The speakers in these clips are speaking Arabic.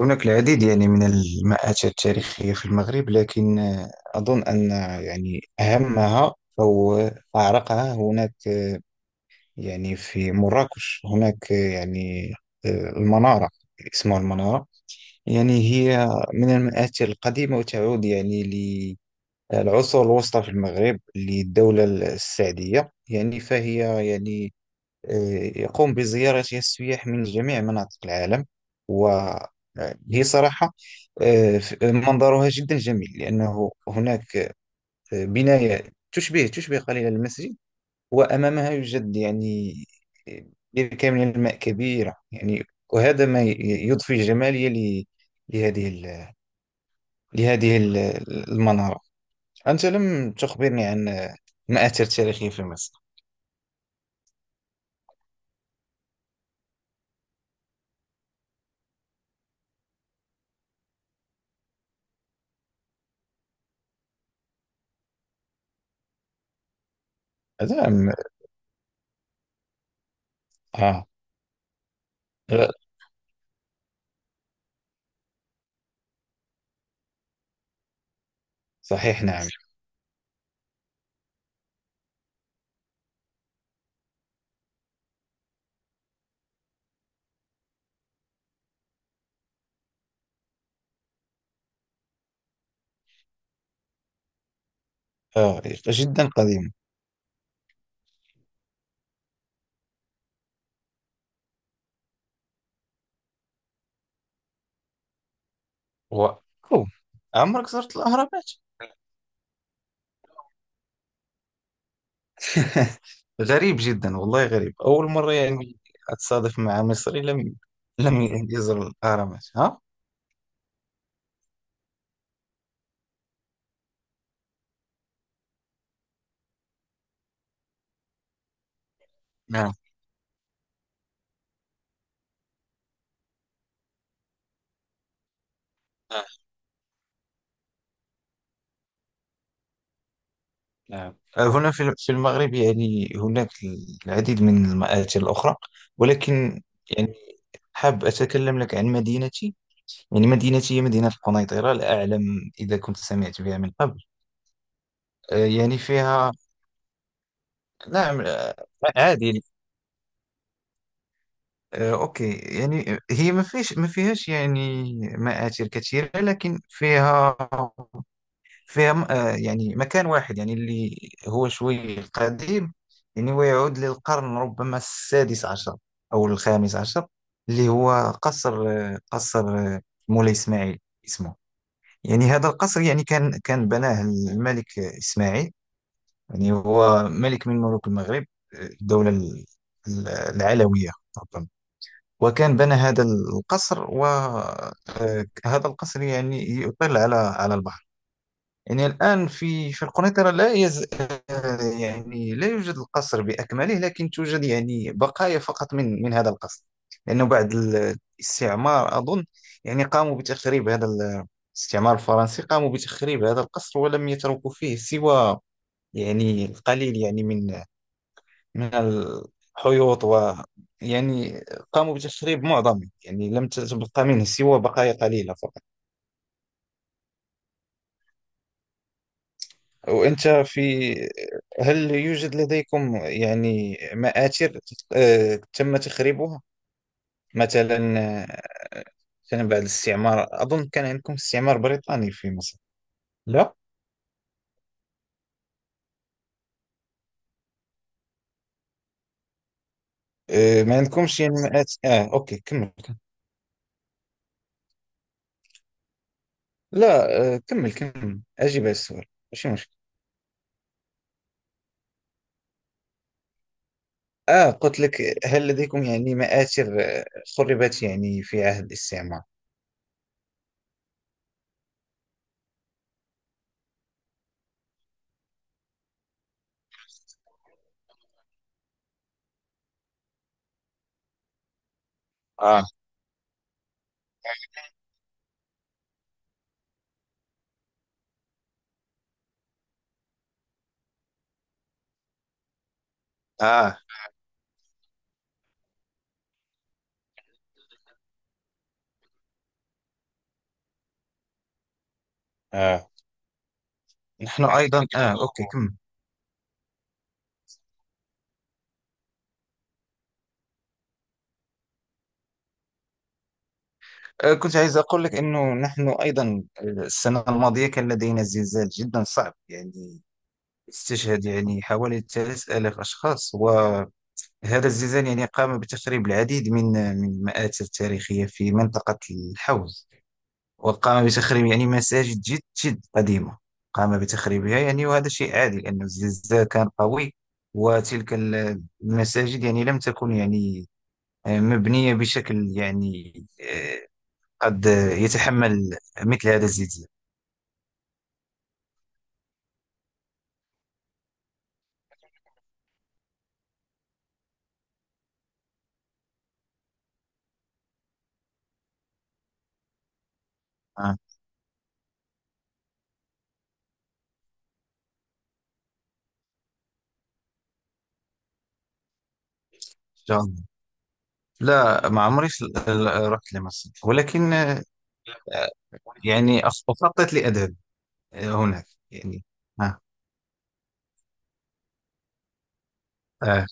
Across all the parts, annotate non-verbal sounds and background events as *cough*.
هناك العديد يعني من المآتش التاريخية في المغرب، لكن أظن أن يعني أهمها أو أعرقها. هناك في مراكش هناك المنارة، اسمها المنارة. يعني هي من المآتش القديمة، وتعود يعني للعصور الوسطى في المغرب، للدولة السعدية. يعني فهي يعني يقوم بزيارة السياح من جميع مناطق العالم، وهي صراحة منظرها جدا جميل، لأنه هناك بناية تشبه قليلا المسجد، وأمامها يوجد يعني بركة من الماء كبيرة. يعني وهذا ما يضفي جمالية لهذه ال- لهذه المنارة. أنت لم تخبرني عن مآثر تاريخية في مصر. هذا أم- آه آه، صحيح، نعم. آه جدا قديمة. وكوم، عمرك زرت الأهرامات؟ *laughs* غريب جدا، والله غريب. أول مرة يعني أتصادف مع مصري لم يزر الأهرامات، ها؟ نعم. آه. نعم، هنا في المغرب يعني هناك العديد من المآتي الأخرى، ولكن يعني حاب أتكلم لك عن مدينتي. يعني مدينتي هي مدينة القنيطرة، لا أعلم إذا كنت سمعت بها من قبل. يعني فيها، نعم. عادي. اوكي. يعني هي ما فيش ما فيهاش يعني مآثر كثيرة، لكن فيها يعني مكان واحد يعني اللي هو شوي قديم، يعني ويعود للقرن ربما السادس عشر او الخامس عشر، اللي هو قصر، قصر مولاي اسماعيل اسمه. يعني هذا القصر يعني كان بناه الملك اسماعيل، يعني هو ملك من ملوك المغرب، الدولة العلوية ربما. وكان بنى هذا القصر، وهذا القصر يعني يطل على البحر. يعني الآن في القنيطرة لا يز آه، يعني لا يوجد القصر بأكمله، لكن توجد يعني بقايا فقط من هذا القصر، لأنه بعد الاستعمار أظن يعني قاموا بتخريب الاستعمار الفرنسي قاموا بتخريب هذا القصر، ولم يتركوا فيه سوى يعني القليل، يعني من الحيوط، و يعني قاموا بتشريب معظمه. يعني لم تبقى منه سوى بقايا قليلة فقط. وأنت في هل يوجد لديكم يعني مآثر تم تخريبها مثلا؟ آه، مثلا بعد الاستعمار، أظن كان عندكم استعمار بريطاني في مصر؟ لا. ما عندكمش يعني مآثر؟ أوكي، كمل. لا. كمل كمل، أجيب على السؤال. ماشي مشكل. قلت لك: هل لديكم يعني مآثر خربت يعني في عهد الاستعمار؟ آه آه آه نحن أيضا. أوكي. كم؟ كنت عايز أقول لك أنه نحن أيضا. السنة الماضية كان لدينا زلزال جدا صعب. يعني استشهد يعني حوالي 3000 أشخاص، وهذا الزلزال يعني قام بتخريب العديد من المآثر التاريخية في منطقة الحوز، وقام بتخريب يعني مساجد جد جد قديمة، قام بتخريبها. يعني وهذا شيء عادي لأن الزلزال كان قوي، وتلك المساجد يعني لم تكن يعني مبنية بشكل يعني آه، قد يتحمل مثل هذا الزلزال. إن شاء الله. لا، ما عمري رحت لمصر، ولكن يعني أخطط لأذهب هناك يعني. آه آه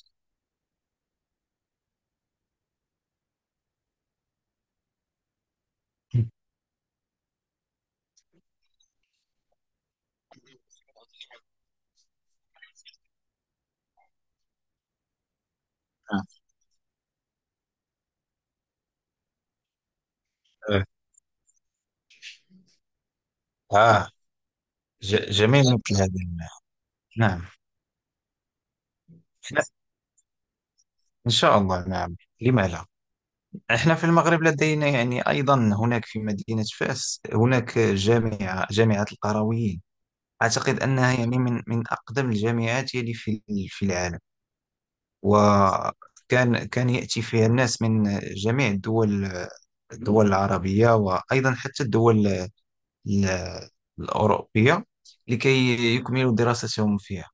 آه, آه. آه. جميل مثل هذا الماء. نعم، إن شاء الله. نعم، لما لا؟ إحنا في المغرب لدينا يعني أيضا، هناك في مدينة فاس هناك جامعة القرويين. أعتقد أنها يعني من أقدم الجامعات يلي في العالم. وكان يأتي فيها الناس من جميع الدول، الدول العربية، وأيضا حتى الدول ال- الأوروبية، لكي يكملوا دراستهم فيها.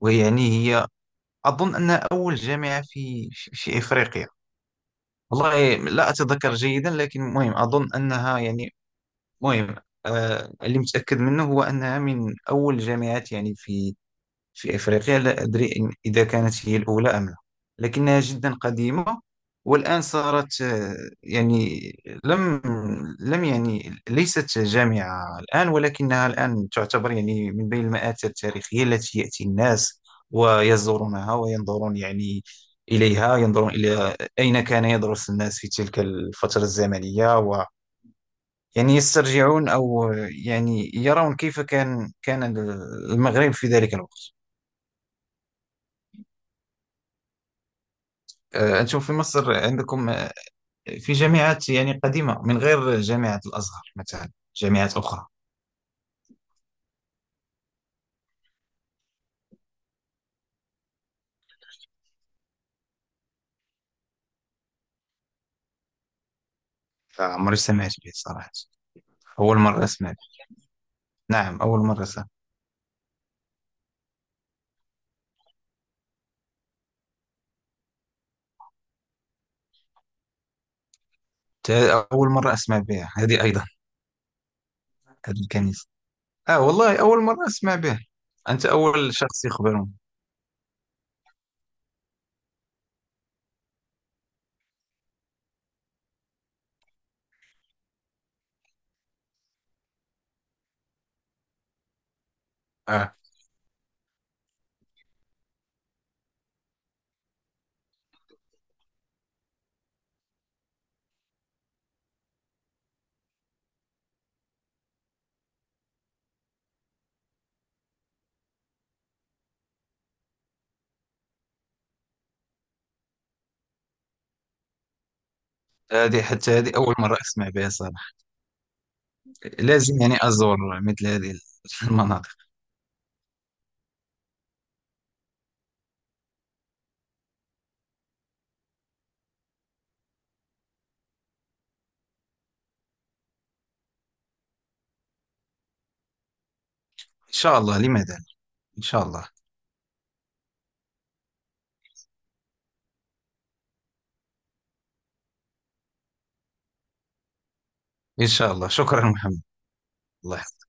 ويعني هي أظن أنها أول جامعة في في إفريقيا. والله لا أتذكر جيدا، لكن مهم، أظن أنها يعني مهم. اللي متأكد منه هو أنها من أول الجامعات يعني في أفريقيا، لا أدري إذا كانت هي الأولى أم لا، لكنها جدا قديمة. والآن صارت يعني لم لم يعني ليست جامعة الآن، ولكنها الآن تعتبر يعني من بين المآثر التاريخية التي يأتي الناس ويزورونها وينظرون يعني إليها، ينظرون إلى أين كان يدرس الناس في تلك الفترة الزمنية، و يعني يسترجعون، أو يعني يرون كيف كان المغرب في ذلك الوقت. نشوف، في مصر عندكم في جامعات يعني قديمة من غير جامعة الأزهر، مثلا جامعات أخرى؟ عمري سمعت بها صراحة، أول مرة أسمع بها. نعم، أول مرة سمعت. أول مرة أسمع بها هذه أيضا، هذه الكنيسة. والله أول مرة أسمع بها. أنت أول شخص يخبرني. آه هذه حتى هذه أول مرة أسمع بها صراحة. لازم يعني أزور مثل هذه المناطق. إن شاء الله، لماذا لا؟ إن شاء الله. إن شاء الله، شكرا محمد. الله يحفظك.